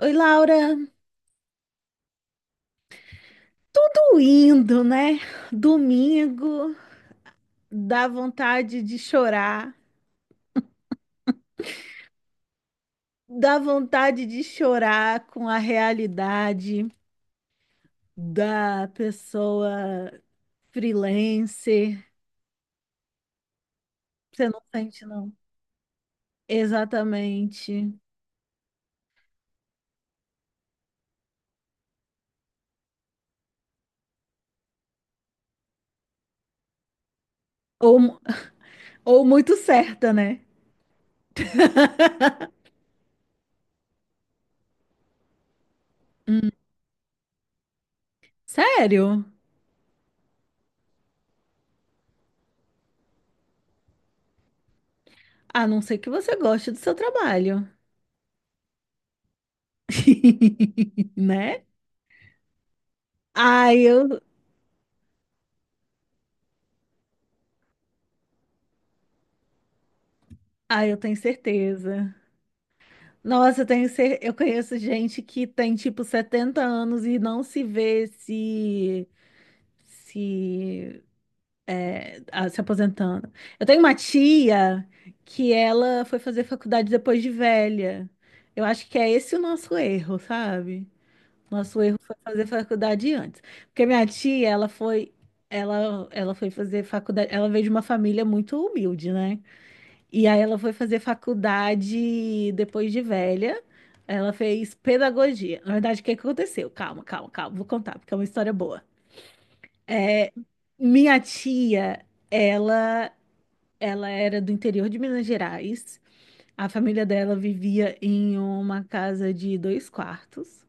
Oi, Laura. Tudo indo, né? Domingo, dá vontade de chorar, dá vontade de chorar com a realidade da pessoa freelancer. Você não sente, não? Exatamente. Ou, mu- ou muito certa, né? Hum, sério? A não ser que você goste do seu trabalho, né? Ah, eu, ah, eu tenho certeza. Nossa, eu conheço gente que tem tipo 70 anos e não se vê se se aposentando. Eu tenho uma tia que ela foi fazer faculdade depois de velha. Eu acho que é esse o nosso erro, sabe? Nosso erro foi fazer faculdade antes. Porque minha tia, ela foi fazer faculdade, ela veio de uma família muito humilde, né? E aí ela foi fazer faculdade depois de velha. Ela fez pedagogia. Na verdade, o que que aconteceu? Calma, calma, calma. Vou contar, porque é uma história boa. Minha tia, ela, ela era do interior de Minas Gerais. A família dela vivia em uma casa de dois quartos.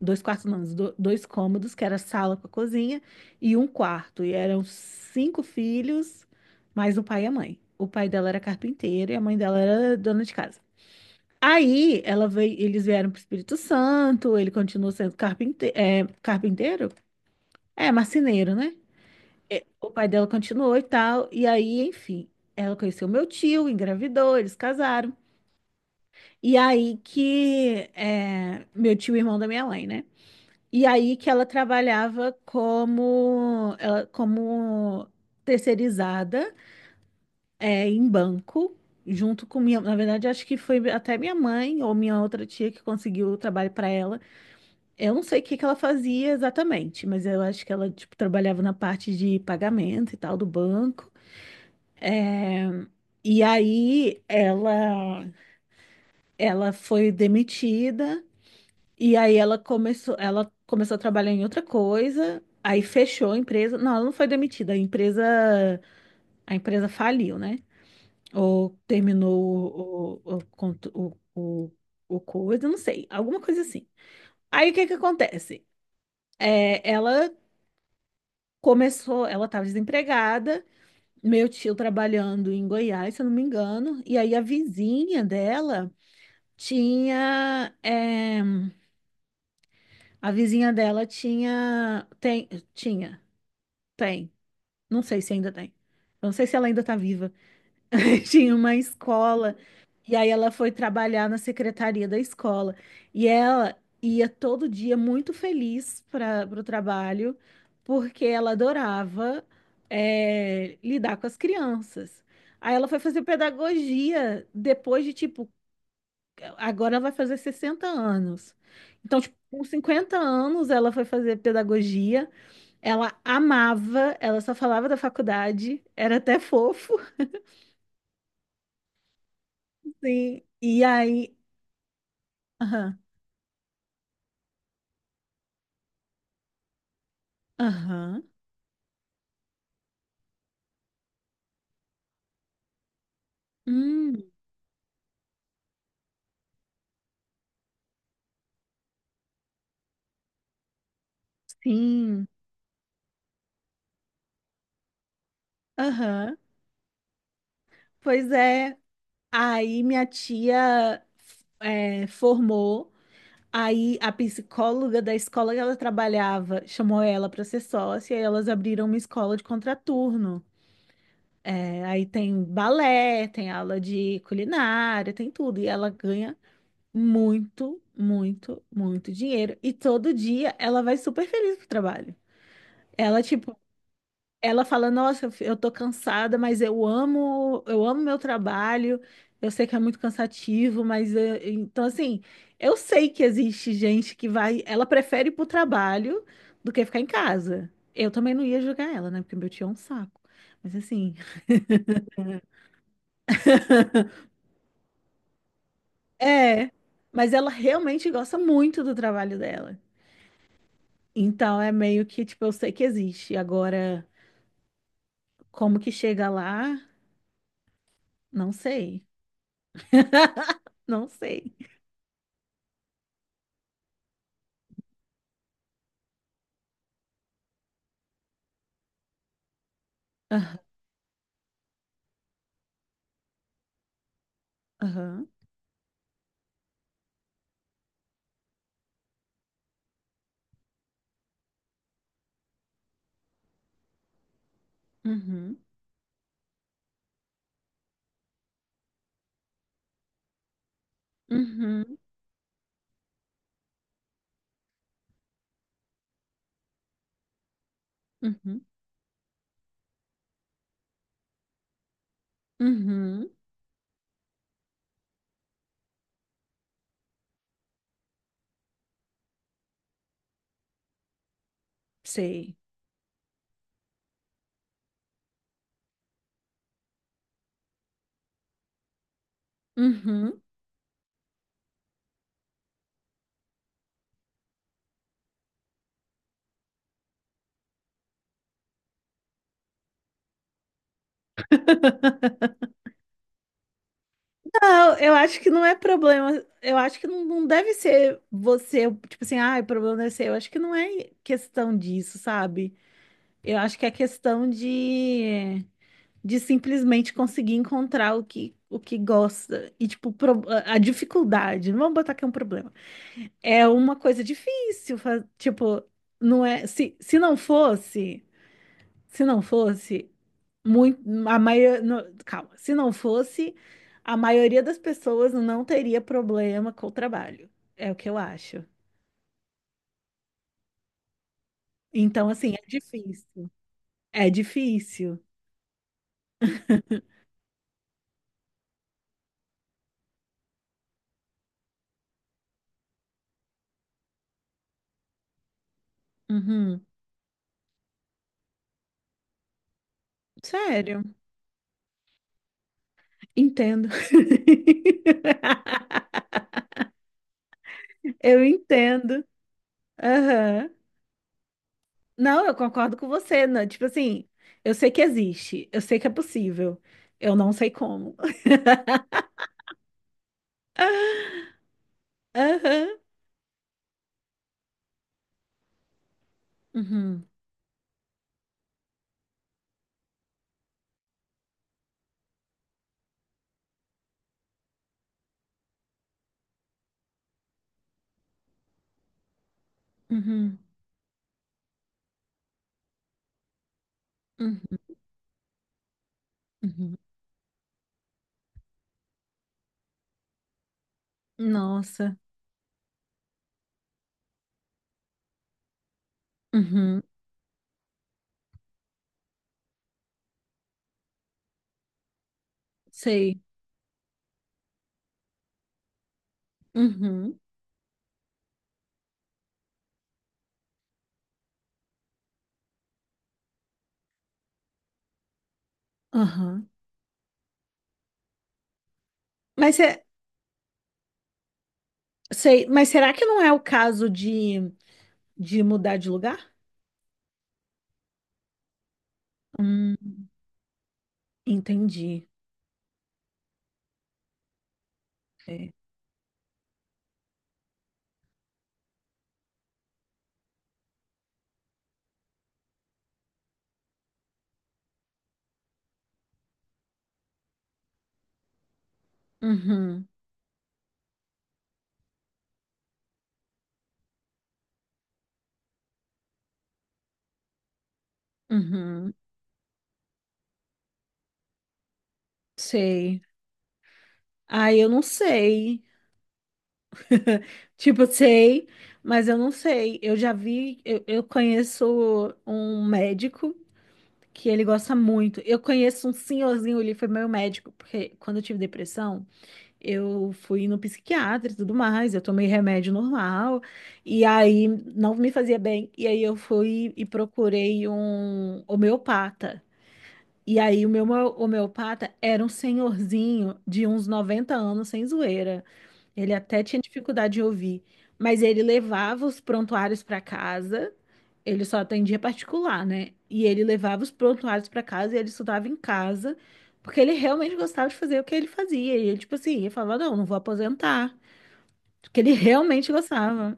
Dois quartos, não, do- dois cômodos, que era sala com a cozinha, e um quarto. E eram cinco filhos, mais o pai e a mãe. O pai dela era carpinteiro e a mãe dela era dona de casa. Eles vieram para o Espírito Santo, ele continuou sendo carpinteiro? É, marceneiro, né? É, o pai dela continuou e tal. E aí, enfim, ela conheceu meu tio, engravidou, eles casaram. E aí que é, meu tio, irmão da minha mãe, né? E aí que ela trabalhava como terceirizada, em banco junto com na verdade, acho que foi até minha mãe ou minha outra tia que conseguiu o trabalho para ela. Eu não sei o que que ela fazia exatamente, mas eu acho que ela, tipo, trabalhava na parte de pagamento e tal do banco. É, E aí ela, ela foi demitida e aí ela começou a trabalhar em outra coisa, aí fechou a empresa. Não, ela não foi demitida, a empresa faliu, né? Ou terminou o, cont- o coisa, não sei, alguma coisa assim. Aí o que que acontece? É, ela ela estava desempregada, meu tio trabalhando em Goiás, se eu não me engano, e aí tinha, eh, a vizinha dela tinha, tem, não sei se ainda tem, eu não sei se ela ainda está viva, tinha uma escola, e aí ela foi trabalhar na secretaria da escola. E ela ia todo dia muito feliz para o trabalho, porque ela adorava, lidar com as crianças. Aí ela foi fazer pedagogia depois de, tipo, agora ela vai fazer 60 anos. Então, tipo, com 50 anos ela foi fazer pedagogia, ela amava, ela só falava da faculdade, era até fofo. Sim, e aí aham. Aham. Hum, sim. Aham. Pois é. Aí minha tia, formou. Aí a psicóloga da escola que ela trabalhava chamou ela para ser sócia e elas abriram uma escola de contraturno. É, aí tem balé, tem aula de culinária, tem tudo. E ela ganha muito, muito, muito dinheiro. E todo dia ela vai super feliz pro trabalho. Ela, tipo, ela fala, nossa, eu tô cansada, mas eu amo meu trabalho. Eu sei que é muito cansativo, mas então assim, eu sei que existe gente que vai, ela prefere ir pro trabalho do que ficar em casa. Eu também não ia julgar ela, né? Porque meu tio é um saco. Mas assim, é, mas ela realmente gosta muito do trabalho dela. Então é meio que, tipo, eu sei que existe. Agora, como que chega lá? Não sei. Não sei. Aham. Aham. Uhum. Uhum, uhum, uhum, sei. Uhum. Não, eu acho que não é problema. Eu acho que não, não deve ser você, tipo assim, ah, o problema é seu. Eu acho que não é questão disso, sabe? Eu acho que é questão de simplesmente conseguir encontrar o que gosta. E, tipo, a dificuldade, não vamos botar que é um problema. É uma coisa difícil, tipo, não é. Se não fosse, se não fosse. Muito, a maioria, calma, se não fosse, a maioria das pessoas não teria problema com o trabalho. É o que eu acho. Então, assim, é difícil. É difícil. Uhum. Sério, entendo. Eu entendo. Aham. Não, eu concordo com você. Né? Tipo assim, eu sei que existe, eu sei que é possível. Eu não sei como. Aham. Uhum. Uhum. Uhum. Uhum. Nossa. Uhum. Sei. Uhum, aham. Mas, é, sei, mas será que não é o caso de mudar de lugar? Hum, entendi. É. Uhum, uhum, sei. Ah, eu não sei. Tipo, sei, mas eu não sei. Eu já vi, eu conheço um médico que ele gosta muito. Eu conheço um senhorzinho, ele foi meu médico, porque quando eu tive depressão. Eu fui no psiquiatra e tudo mais, eu tomei remédio normal, e aí não me fazia bem. E aí eu fui e procurei um homeopata. E aí o meu homeopata era um senhorzinho de uns 90 anos, sem zoeira. Ele até tinha dificuldade de ouvir, mas ele levava os prontuários para casa. Ele só atendia particular, né? E ele levava os prontuários para casa e ele estudava em casa, porque ele realmente gostava de fazer o que ele fazia. E ele, tipo assim, ele falava: "Não, não vou aposentar", porque ele realmente gostava.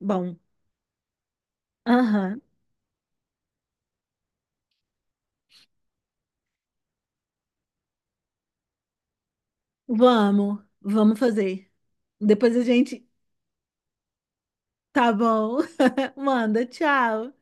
Bom, aham. Vamos, vamos fazer. Depois a gente, tá bom. Manda, tchau.